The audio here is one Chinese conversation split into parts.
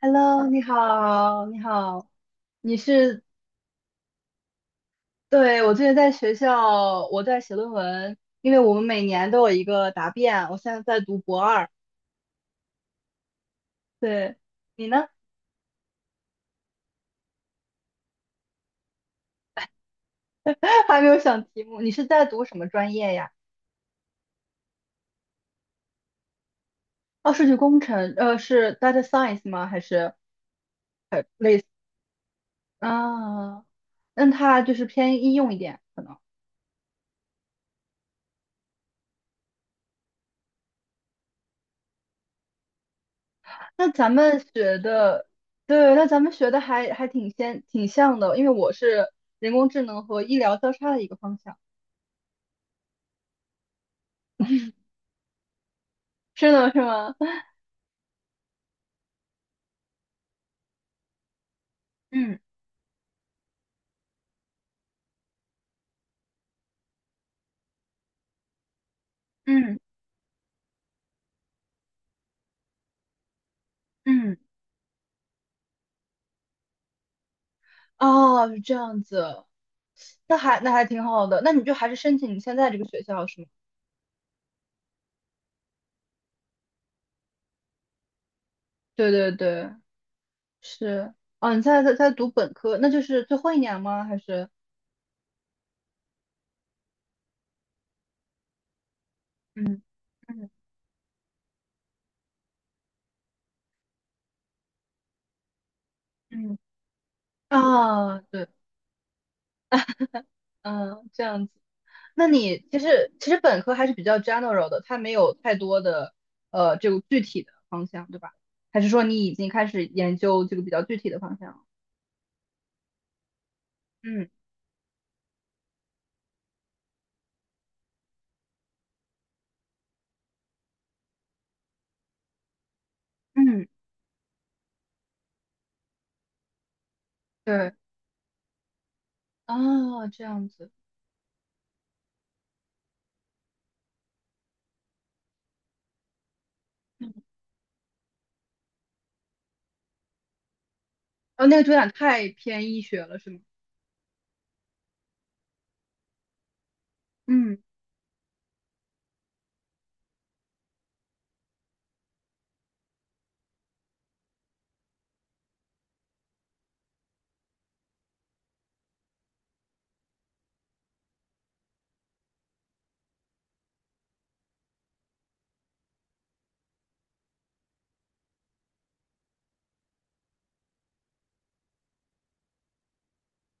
Hello，你好，你好，你是，对，我最近在学校，我在写论文，因为我们每年都有一个答辩，我现在在读博二。对，你呢？还没有想题目，你是在读什么专业呀？哦，数据工程，是 data science 吗？还是类似？啊，那它就是偏应用一点，可能。那咱们学的，对，那咱们学的还挺像的，因为我是人工智能和医疗交叉的一个方向。是的，是吗？嗯嗯嗯，哦，是这样子，那还挺好的。那你就还是申请你现在这个学校是吗？对对对，是。哦，你现在在读本科，那就是最后一年吗？还是？嗯嗯嗯，啊，对，嗯，这样子。那你其实本科还是比较 general 的，它没有太多的这个具体的方向，对吧？还是说你已经开始研究这个比较具体的方向了？嗯嗯，对，啊，这样子，嗯哦，那个主打太偏医学了，是吗？嗯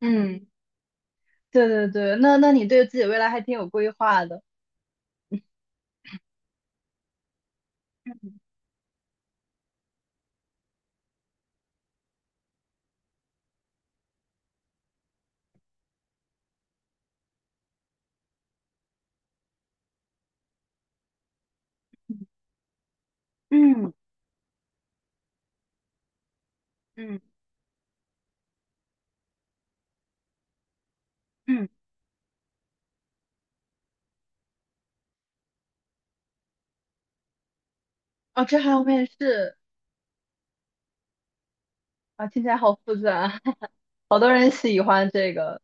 嗯，对对对，那你对自己未来还挺有规划的。嗯嗯嗯，哦，这还要面试啊，听起来好复杂，好多人喜欢这个，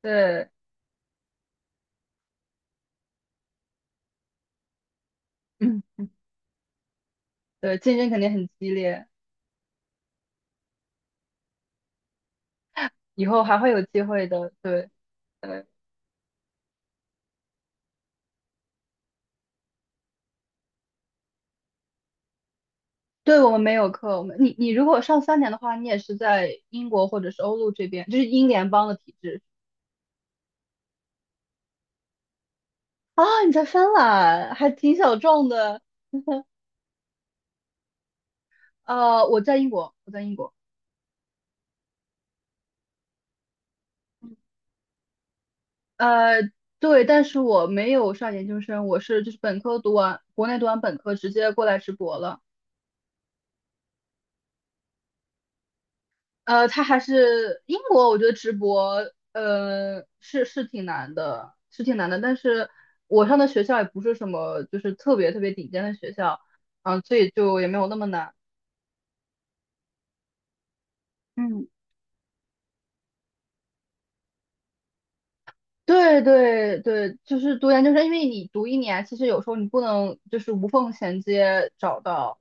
对，嗯，对，竞争肯定很激烈，以后还会有机会的，对对，对我们没有课，我们你如果上三年的话，你也是在英国或者是欧陆这边，就是英联邦的体制啊，你在芬兰还挺小众的。我在英国，我在英国。呃，对，但是我没有上研究生，我是就是本科读完，国内读完本科直接过来直博了。他还是英国，我觉得直博，是挺难的，是挺难的。但是我上的学校也不是什么就是特别特别顶尖的学校，嗯，所以就也没有那么难。嗯对对对，就是读研究生，因为你读一年，其实有时候你不能就是无缝衔接找到，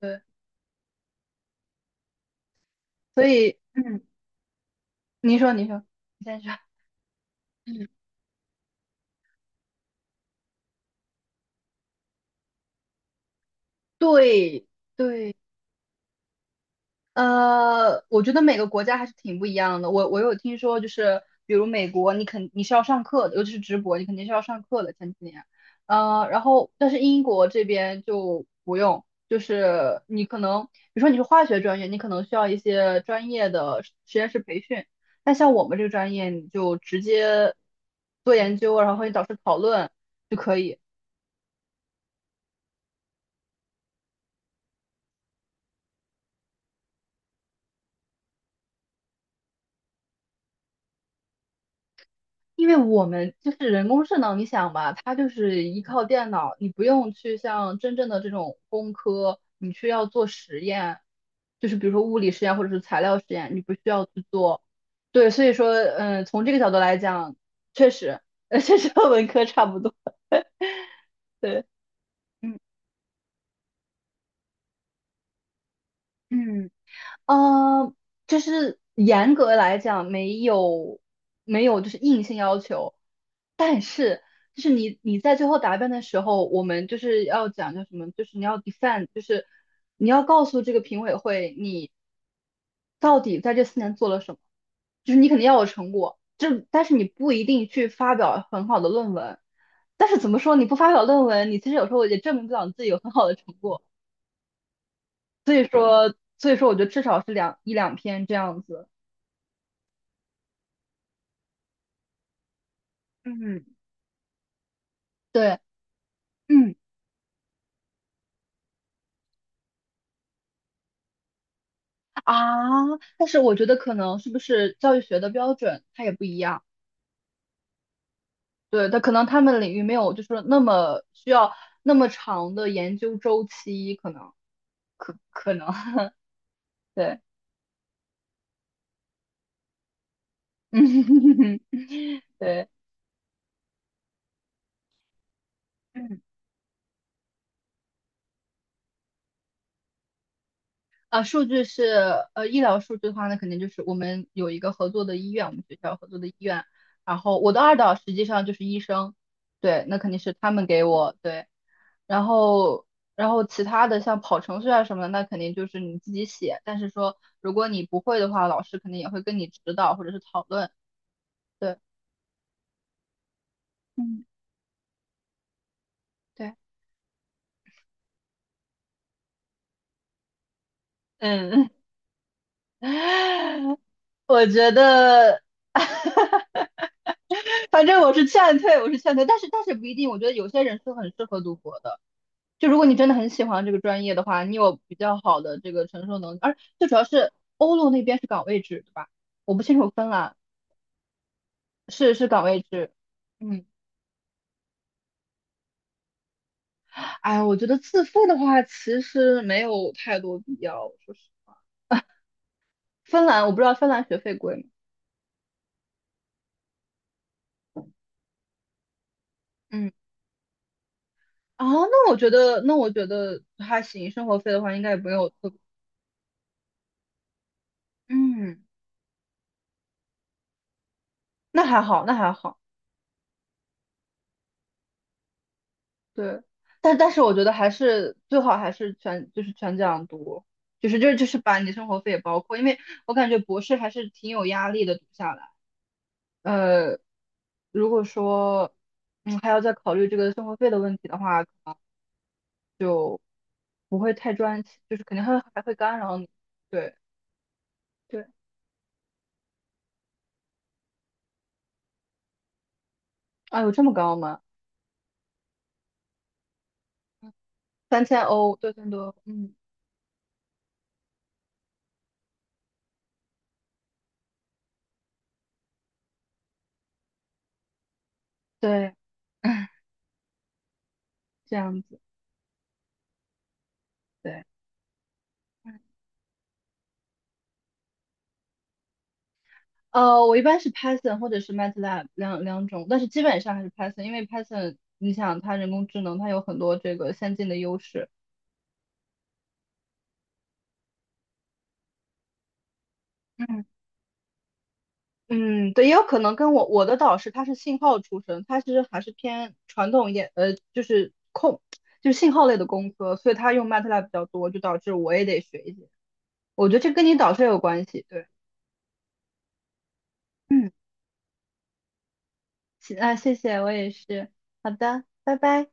对，所以。嗯。你说，你说，你先说。对，我觉得每个国家还是挺不一样的。我有听说，就是比如美国，你是要上课的，尤其是直播，你肯定是要上课的。前几年，然后但是英国这边就不用，就是你可能，比如说你是化学专业，你可能需要一些专业的实验室培训，但像我们这个专业，你就直接做研究，然后和你导师讨论。就可以。因为我们就是人工智能，你想吧，它就是依靠电脑，你不用去像真正的这种工科，你去要做实验，就是比如说物理实验或者是材料实验，你不需要去做。对，所以说，嗯，从这个角度来讲，确实，确实和文科差不多。对，嗯嗯，呃，就是严格来讲没有就是硬性要求，但是就是你在最后答辩的时候，我们就是要讲叫什么，就是你要 defend，就是你要告诉这个评委会你到底在这四年做了什么，就是你肯定要有成果，但是你不一定去发表很好的论文，但是怎么说你不发表论文，你其实有时候也证明不了你自己有很好的成果。所以说,我觉得至少是一两篇这样子。嗯对，嗯啊，但是我觉得可能是不是教育学的标准它也不一样，对，它可能他们领域没有就是那么需要那么长的研究周期，可能 对，嗯对，嗯。啊，数据是医疗数据的话，那肯定就是我们有一个合作的医院，我们学校合作的医院，然后我的二导实际上就是医生，对，那肯定是他们给我，对，然后然后其他的像跑程序啊什么的，那肯定就是你自己写，但是说如果你不会的话，老师肯定也会跟你指导或者是讨论，对，嗯，对，嗯，我觉得反正我是劝退，我是劝退，但是不一定，我觉得有些人是很适合读博的。就如果你真的很喜欢这个专业的话，你有比较好的这个承受能力，而最主要是欧陆那边是岗位制，对吧？我不清楚芬兰是岗位制，嗯，哎，我觉得自费的话其实没有太多必要，说是芬兰，我不知道芬兰学费贵吗？嗯，啊，那我觉得那我觉得还行，生活费的话应该也不用有特别嗯，那还好，那还好。对，但但是我觉得还是最好还是全就是全奖读，就是把你的生活费也包括，因为我感觉博士还是挺有压力的读下来。呃，如果说嗯还要再考虑这个生活费的问题的话，可能不会太专心就是肯定还会干扰你。对对，啊有这么高吗？三千欧，六千多，嗯，对，这样子，对，我一般是 Python 或者是 MATLAB 两种，但是基本上还是 Python，因为 Python 你想它人工智能，它有很多这个先进的优势。嗯嗯，对，也有可能跟我的导师他是信号出身，他其实还是偏传统一点，就是控，就是信号类的工科，所以他用 MATLAB 比较多，就导致我也得学一些。我觉得这跟你导师也有关系，对，嗯，行啊，谢谢，我也是，好的，拜拜。